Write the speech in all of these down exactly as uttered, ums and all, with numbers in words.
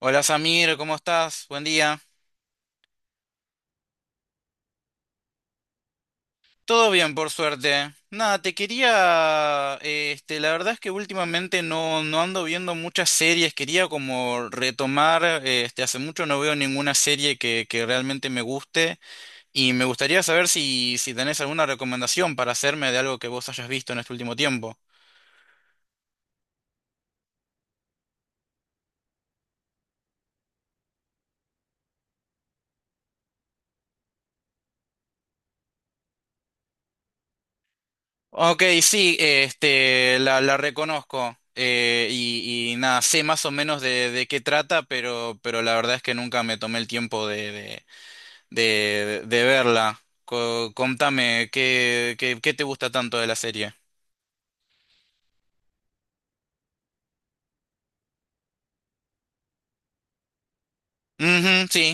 Hola Samir, ¿cómo estás? Buen día. Todo bien, por suerte. Nada, te quería, este, la verdad es que últimamente no, no ando viendo muchas series, quería como retomar, este, hace mucho no veo ninguna serie que, que realmente me guste y me gustaría saber si, si tenés alguna recomendación para hacerme de algo que vos hayas visto en este último tiempo. Ok, sí, este, la, la reconozco. eh, y, y nada, sé más o menos de, de qué trata, pero, pero la verdad es que nunca me tomé el tiempo de de, de verla. Co- contame, ¿qué, qué, qué te gusta tanto de la serie? Ujú, sí.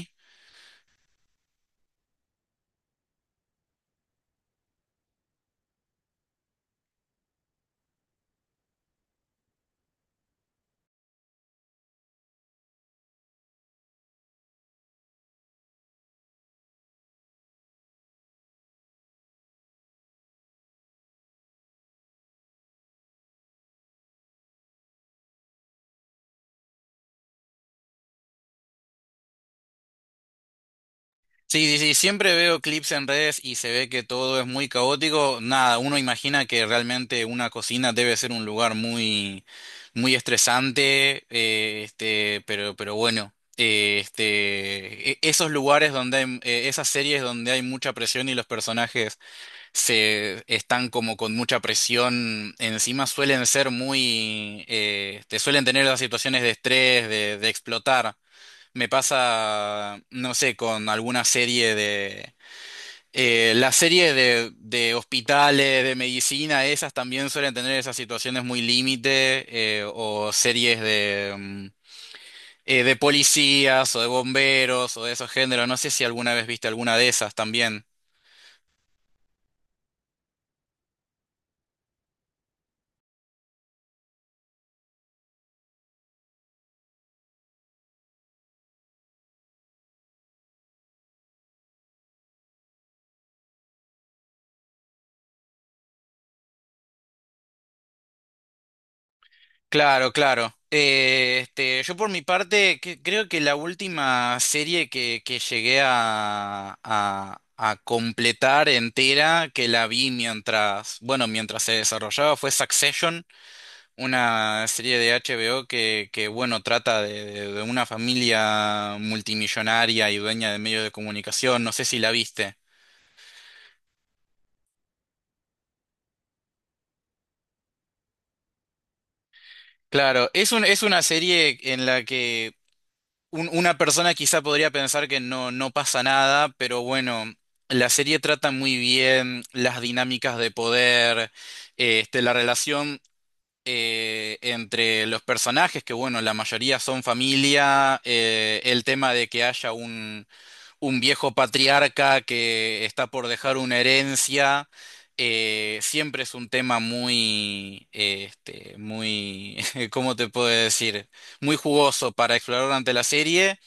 Sí, sí, sí, siempre veo clips en redes y se ve que todo es muy caótico. Nada, uno imagina que realmente una cocina debe ser un lugar muy, muy estresante, eh, este, pero, pero bueno, eh, este, e- esos lugares donde hay, eh, esas series donde hay mucha presión y los personajes se están como con mucha presión encima, suelen ser muy, eh, te suelen tener las situaciones de estrés, de, de explotar. Me pasa, no sé, con alguna serie de... eh, la serie de, de hospitales, de medicina, esas también suelen tener esas situaciones muy límite, eh, o series de, mm, eh, de policías o de bomberos o de esos géneros. No sé si alguna vez viste alguna de esas también. Claro, claro. Eh, este, yo por mi parte que- creo que la última serie que, que llegué a, a, a completar entera, que la vi mientras, bueno, mientras se desarrollaba, fue Succession, una serie de H B O que, que bueno, trata de, de de una familia multimillonaria y dueña de medios de comunicación. No sé si la viste. Claro, es un, es una serie en la que un- una persona quizá podría pensar que no, no pasa nada, pero bueno, la serie trata muy bien las dinámicas de poder, eh, este, la relación eh, entre los personajes, que bueno, la mayoría son familia, eh, el tema de que haya un, un viejo patriarca que está por dejar una herencia. Eh, siempre es un tema muy, eh, este, muy, ¿cómo te puedo decir? Muy jugoso para explorar durante la serie.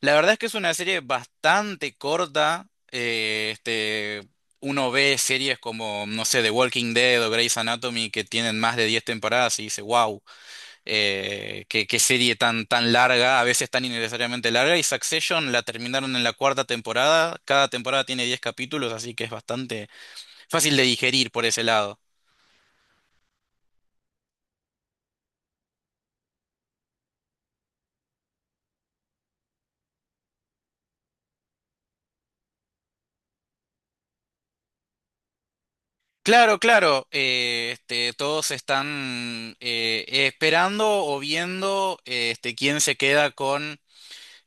La verdad es que es una serie bastante corta. Eh, este, uno ve series como, no sé, The Walking Dead o Grey's Anatomy que tienen más de diez temporadas y dice, wow, qué, qué serie tan, tan larga, a veces tan innecesariamente larga. Y Succession la terminaron en la cuarta temporada. Cada temporada tiene diez capítulos, así que es bastante fácil de digerir por ese lado. Claro, claro, eh, este, todos están eh, esperando o viendo eh, este, quién se queda con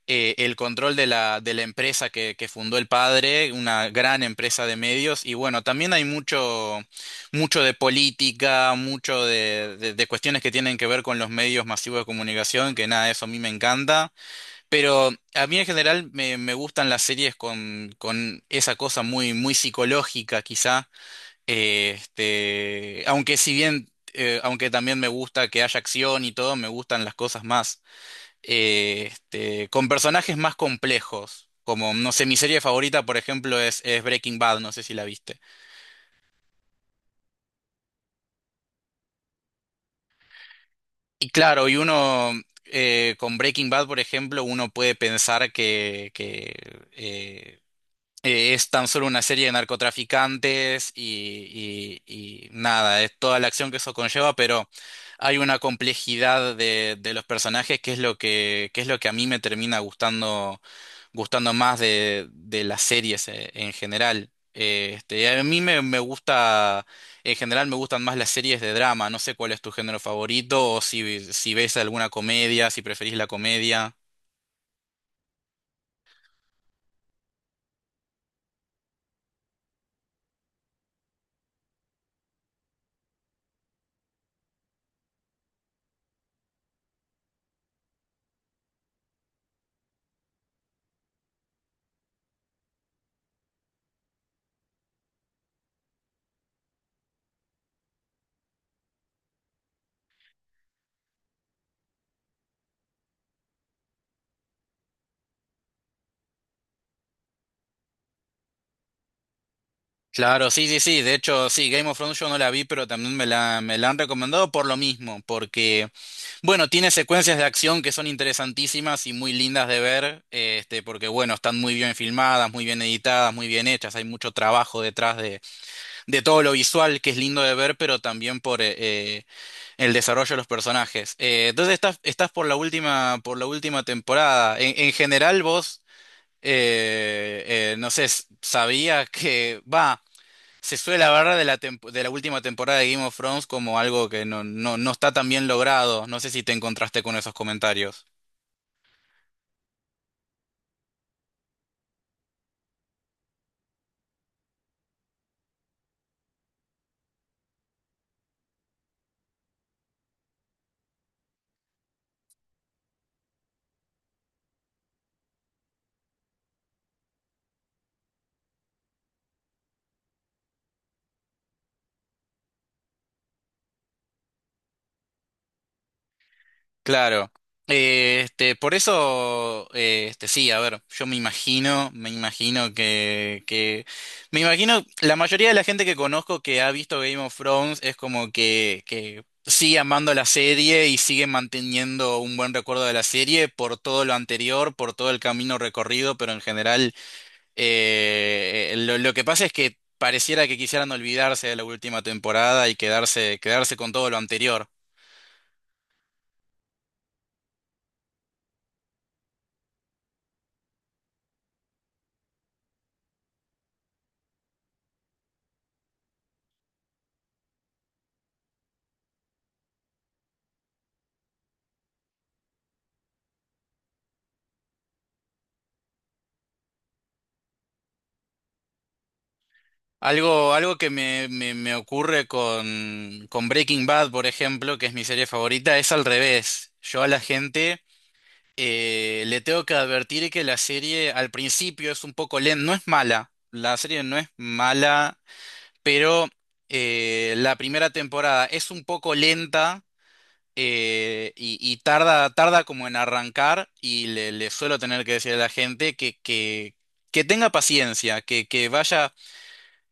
eh, el control de la, de la empresa que, que fundó el padre, una gran empresa de medios, y bueno, también hay mucho, mucho de política, mucho de, de- de cuestiones que tienen que ver con los medios masivos de comunicación, que nada, eso a mí me encanta, pero a mí en general me, me gustan las series con, con esa cosa muy, muy psicológica quizá, eh, este, aunque si bien... eh, aunque también me gusta que haya acción y todo, me gustan las cosas más eh, este, con personajes más complejos. Como, no sé, mi serie favorita, por ejemplo, es, es Breaking Bad, no sé si la viste. Y claro, y uno, eh, con Breaking Bad, por ejemplo, uno puede pensar que, que, eh, eh, es tan solo una serie de narcotraficantes y, y- y nada, es toda la acción que eso conlleva, pero hay una complejidad de, de los personajes que es lo que, que es lo que a mí me termina gustando, gustando más de, de las series eh, en general. Eh, Este, a mí me, me gusta, en general me gustan más las series de drama. No sé cuál es tu género favorito o si, si ves alguna comedia, si preferís la comedia. Claro, sí, sí, sí. De hecho, sí, Game of Thrones yo no la vi, pero también me la, me la han recomendado por lo mismo, porque, bueno, tiene secuencias de acción que son interesantísimas y muy lindas de ver, eh, este, porque, bueno, están muy bien filmadas, muy bien editadas, muy bien hechas, hay mucho trabajo detrás de, de todo lo visual que es lindo de ver, pero también por eh, eh, el desarrollo de los personajes. Eh, entonces estás, estás por la última, por la última temporada. En, en general, vos, eh, eh, no sé, sabías que va. Se suele hablar de la, tempo- de la última temporada de Game of Thrones como algo que no, no, no está tan bien logrado. No sé si te encontraste con esos comentarios. Claro. Eh, este, por eso, eh, este, sí, a ver, yo me imagino, me imagino que, que, me imagino, la mayoría de la gente que conozco que ha visto Game of Thrones es como que, que sigue amando la serie y sigue manteniendo un buen recuerdo de la serie por todo lo anterior, por todo el camino recorrido, pero en general, eh, lo, lo que pasa es que pareciera que quisieran olvidarse de la última temporada y quedarse, quedarse con todo lo anterior. Algo, algo que me, me, me ocurre con, con Breaking Bad, por ejemplo, que es mi serie favorita, es al revés. Yo a la gente eh, le tengo que advertir que la serie al principio es un poco lenta, no es mala, la serie no es mala, pero eh, la primera temporada es un poco lenta eh, y, y tarda, tarda como en arrancar y le, le suelo tener que decir a la gente que, que, que tenga paciencia, que, que vaya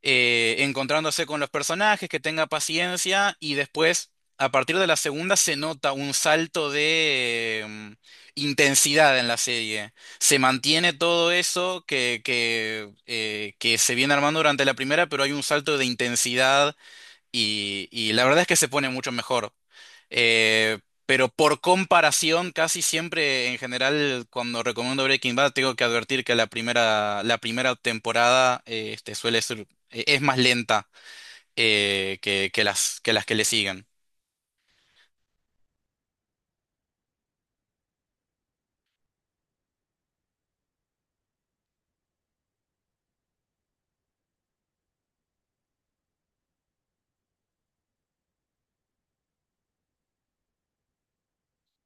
eh, encontrándose con los personajes, que tenga paciencia y después, a partir de la segunda, se nota un salto de mm, intensidad en la serie. Se mantiene todo eso que, que, eh, que se viene armando durante la primera, pero hay un salto de intensidad y, y la verdad es que se pone mucho mejor. Eh, pero por comparación, casi siempre en general, cuando recomiendo Breaking Bad, tengo que advertir que la primera, la primera temporada eh, este, suele ser, eh, es más lenta eh, que, que las, que las que le siguen.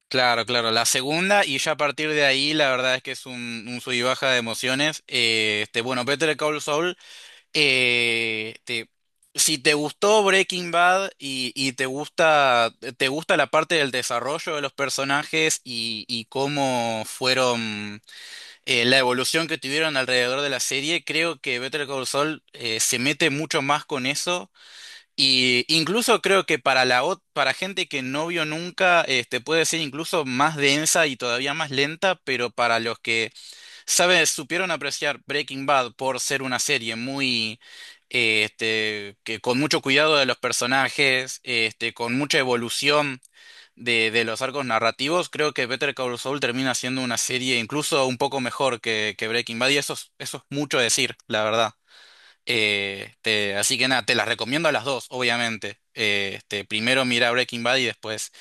Claro, claro, la segunda y ya a partir de ahí la verdad es que es un, un sub y baja de emociones. Eh, este, bueno, Better Call Saul eh, te- si te gustó Breaking Bad y, y te gusta, te gusta la parte del desarrollo de los personajes y, y cómo fueron, eh, la evolución que tuvieron alrededor de la serie, creo que Better Call Saul eh, se mete mucho más con eso. Y incluso creo que para la ot- para gente que no vio nunca, este, puede ser incluso más densa y todavía más lenta, pero para los que ¿Sabes? Supieron apreciar Breaking Bad por ser una serie muy, eh, este, que con mucho cuidado de los personajes, este, con mucha evolución de, de los arcos narrativos. Creo que Better Call Saul termina siendo una serie incluso un poco mejor que, que Breaking Bad y eso es, eso es mucho decir, la verdad. Eh, te- así que nada, te las recomiendo a las dos, obviamente. Eh, este, primero mira Breaking Bad y después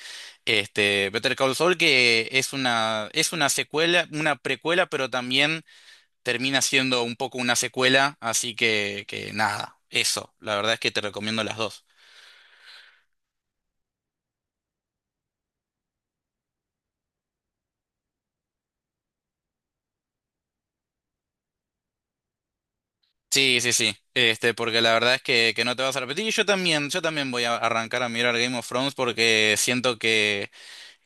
este, Better Call Saul, que es una, es una secuela, una precuela, pero también termina siendo un poco una secuela, así que, que nada, eso, la verdad es que te recomiendo las dos. Sí, sí, sí, este, porque la verdad es que, que no te vas a repetir y yo también, yo también voy a arrancar a mirar Game of Thrones porque siento que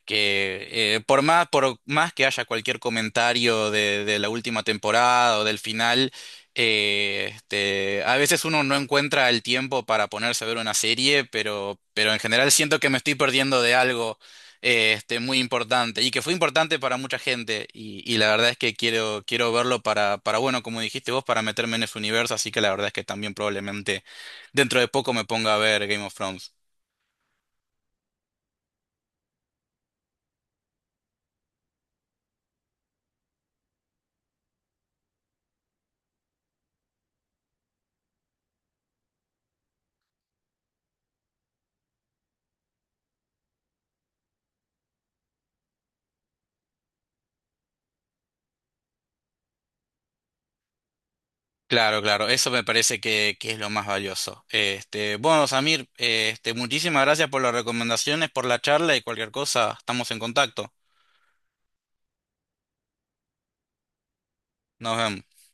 que eh, por más, por más que haya cualquier comentario de, de la última temporada o del final, eh, este, a veces uno no encuentra el tiempo para ponerse a ver una serie, pero, pero en general siento que me estoy perdiendo de algo eh, este, muy importante y que fue importante para mucha gente y, y la verdad es que quiero, quiero verlo para, para, bueno, como dijiste vos, para meterme en ese universo, así que la verdad es que también probablemente dentro de poco me ponga a ver Game of Thrones. Claro, claro, eso me parece que, que es lo más valioso. Este, bueno, Samir, este, muchísimas gracias por las recomendaciones, por la charla y cualquier cosa, estamos en contacto. Nos vemos.